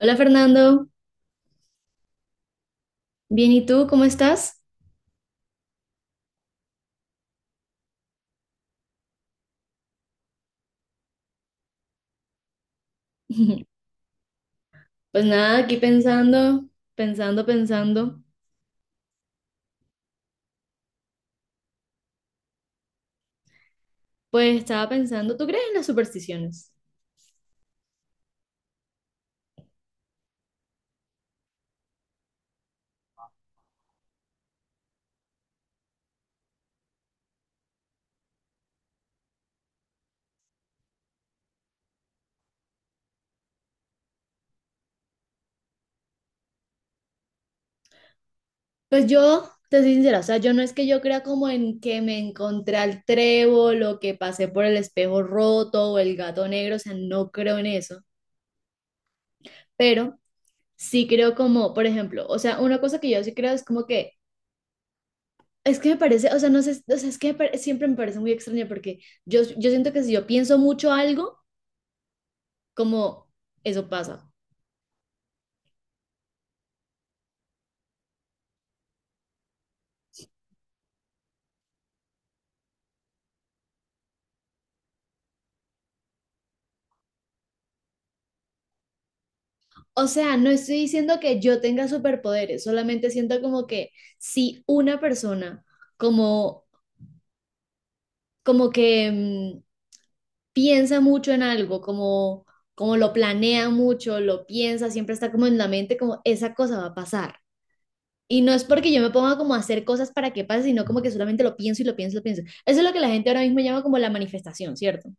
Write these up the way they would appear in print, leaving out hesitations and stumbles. Hola Fernando, bien, ¿y tú cómo estás? Pues nada, aquí pensando, pensando, pensando. Pues estaba pensando, ¿tú crees en las supersticiones? Pues yo, te soy sincera, o sea, yo no es que yo crea como en que me encontré al trébol o que pasé por el espejo roto o el gato negro, o sea, no creo en eso, pero sí creo como, por ejemplo, o sea, una cosa que yo sí creo es como que, es que me parece, o sea, no sé, o sea, es que me pare- siempre me parece muy extraño porque yo siento que si yo pienso mucho algo, como eso pasa. O sea, no estoy diciendo que yo tenga superpoderes, solamente siento como que si una persona como, como que piensa mucho en algo, como, como lo planea mucho, lo piensa, siempre está como en la mente, como esa cosa va a pasar. Y no es porque yo me ponga como a hacer cosas para que pase, sino como que solamente lo pienso y lo pienso y lo pienso. Eso es lo que la gente ahora mismo llama como la manifestación, ¿cierto?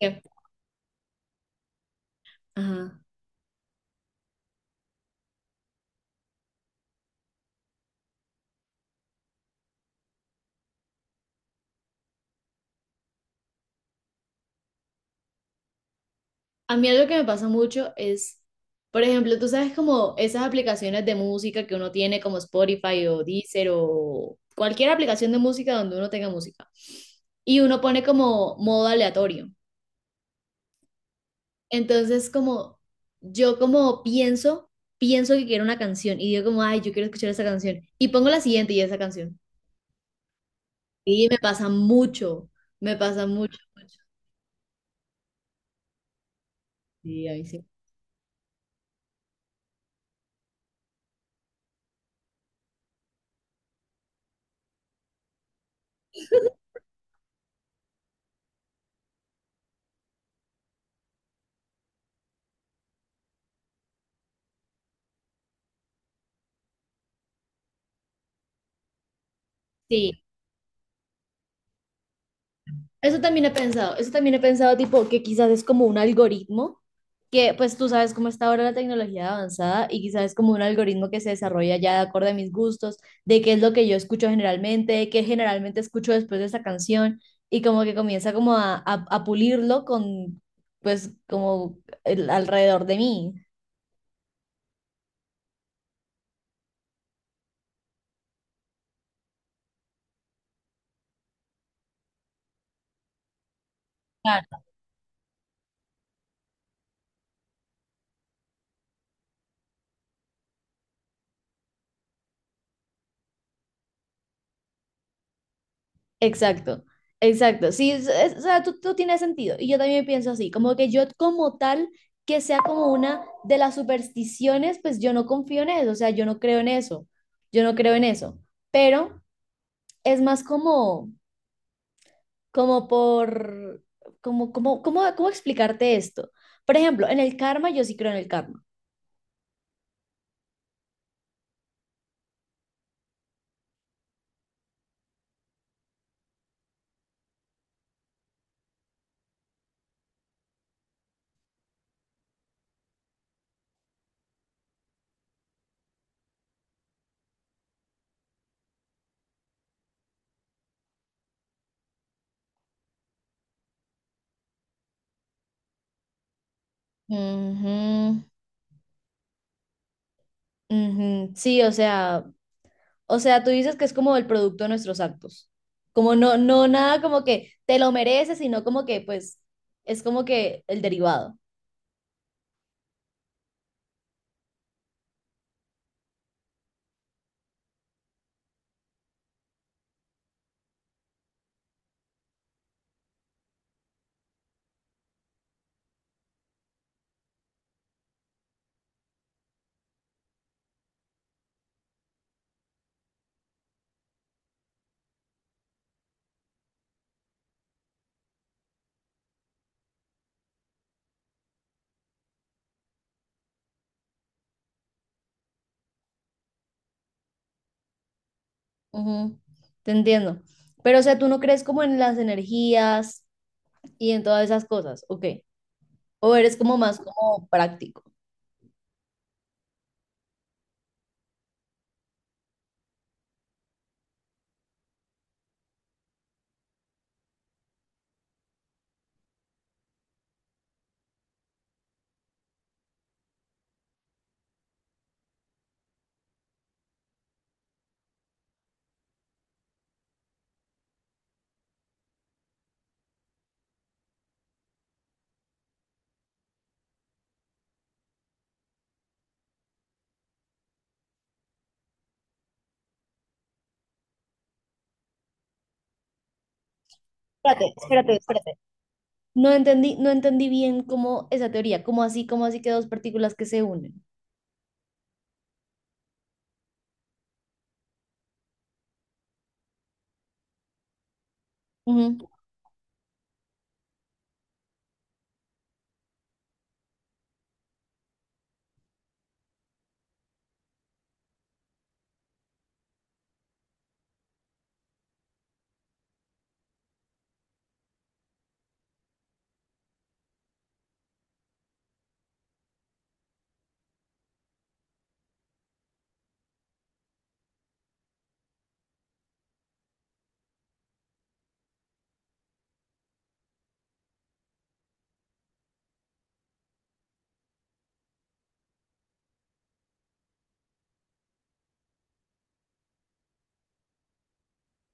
Que- Ajá. A mí algo que me pasa mucho es, por ejemplo, tú sabes como esas aplicaciones de música que uno tiene como Spotify o Deezer o cualquier aplicación de música donde uno tenga música. Y uno pone como modo aleatorio. Entonces como yo como pienso, pienso que quiero una canción y digo como, ay, yo quiero escuchar esa canción. Y pongo la siguiente y esa canción. Y me pasa mucho, mucho. Sí, ahí sí. Sí, eso también he pensado, eso también he pensado, tipo, que quizás es como un algoritmo, que pues tú sabes cómo está ahora la tecnología avanzada y quizás es como un algoritmo que se desarrolla ya de acuerdo a mis gustos, de qué es lo que yo escucho generalmente, de qué generalmente escucho después de esa canción y como que comienza como a pulirlo con, pues, alrededor de mí. Exacto, exacto. Sí, o sea, tú tienes sentido. Y yo también pienso así, como que yo como tal, que sea como una de las supersticiones, pues yo no confío en eso, o sea, yo no creo en eso, yo no creo en eso. Pero es más como, como por, como, como, como, ¿cómo explicarte esto? Por ejemplo, en el karma, yo sí creo en el karma. Ujú, ujú. Sí, o sea, o sea, tú dices que es como el producto de nuestros actos. Como no, no, nada como que te lo mereces, sino como que, pues, es como que el derivado. Ujú, te entiendo. Pero, o sea, tú no crees como en las energías y en todas esas cosas, ¿ok? O eres como más como práctico. Espérate, espérate, espérate. No entendí, no entendí bien cómo esa teoría, cómo así que dos partículas que se unen. Ujú.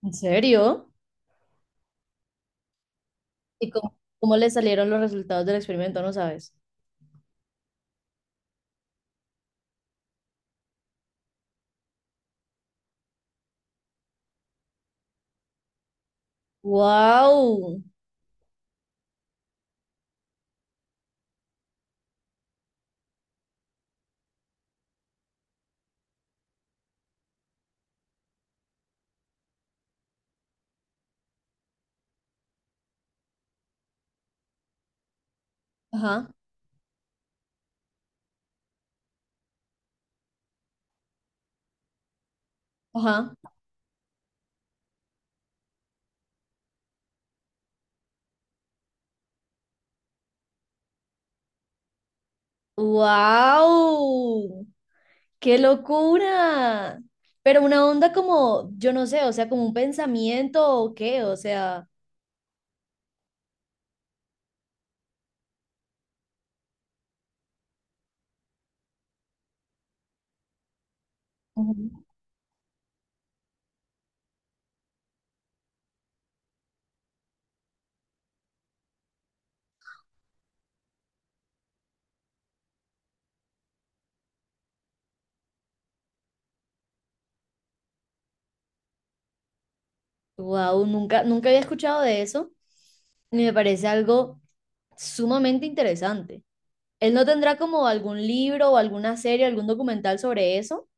¿En serio? ¿Y cómo, cómo le salieron los resultados del experimento? No sabes. ¡Wow! Ajá, ajá. ¡Wow! ¡Qué locura! Pero una onda como, yo no sé, o sea, como un pensamiento o qué, o sea, ujú. Wow, nunca, nunca había escuchado de eso y me parece algo sumamente interesante. ¿Él no tendrá como algún libro o alguna serie, algún documental sobre eso?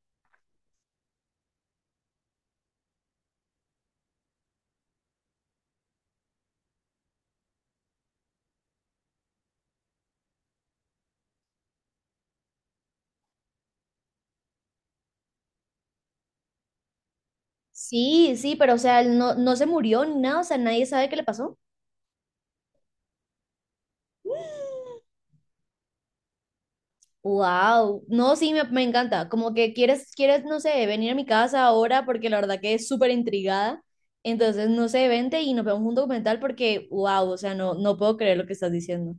Sí, sí, pero o sea, él no, no se murió ni nada, o sea, nadie sabe qué le pasó. Wow, no, sí, me encanta. Como que quieres, quieres, no sé, venir a mi casa ahora porque la verdad que es súper intrigada. Entonces, no sé, vente y nos vemos un documental porque, wow, o sea, no, no puedo creer lo que estás diciendo.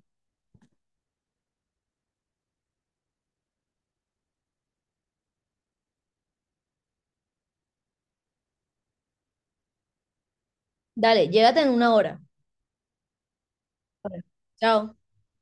Dale, llégate en una hora. Vale. Chao.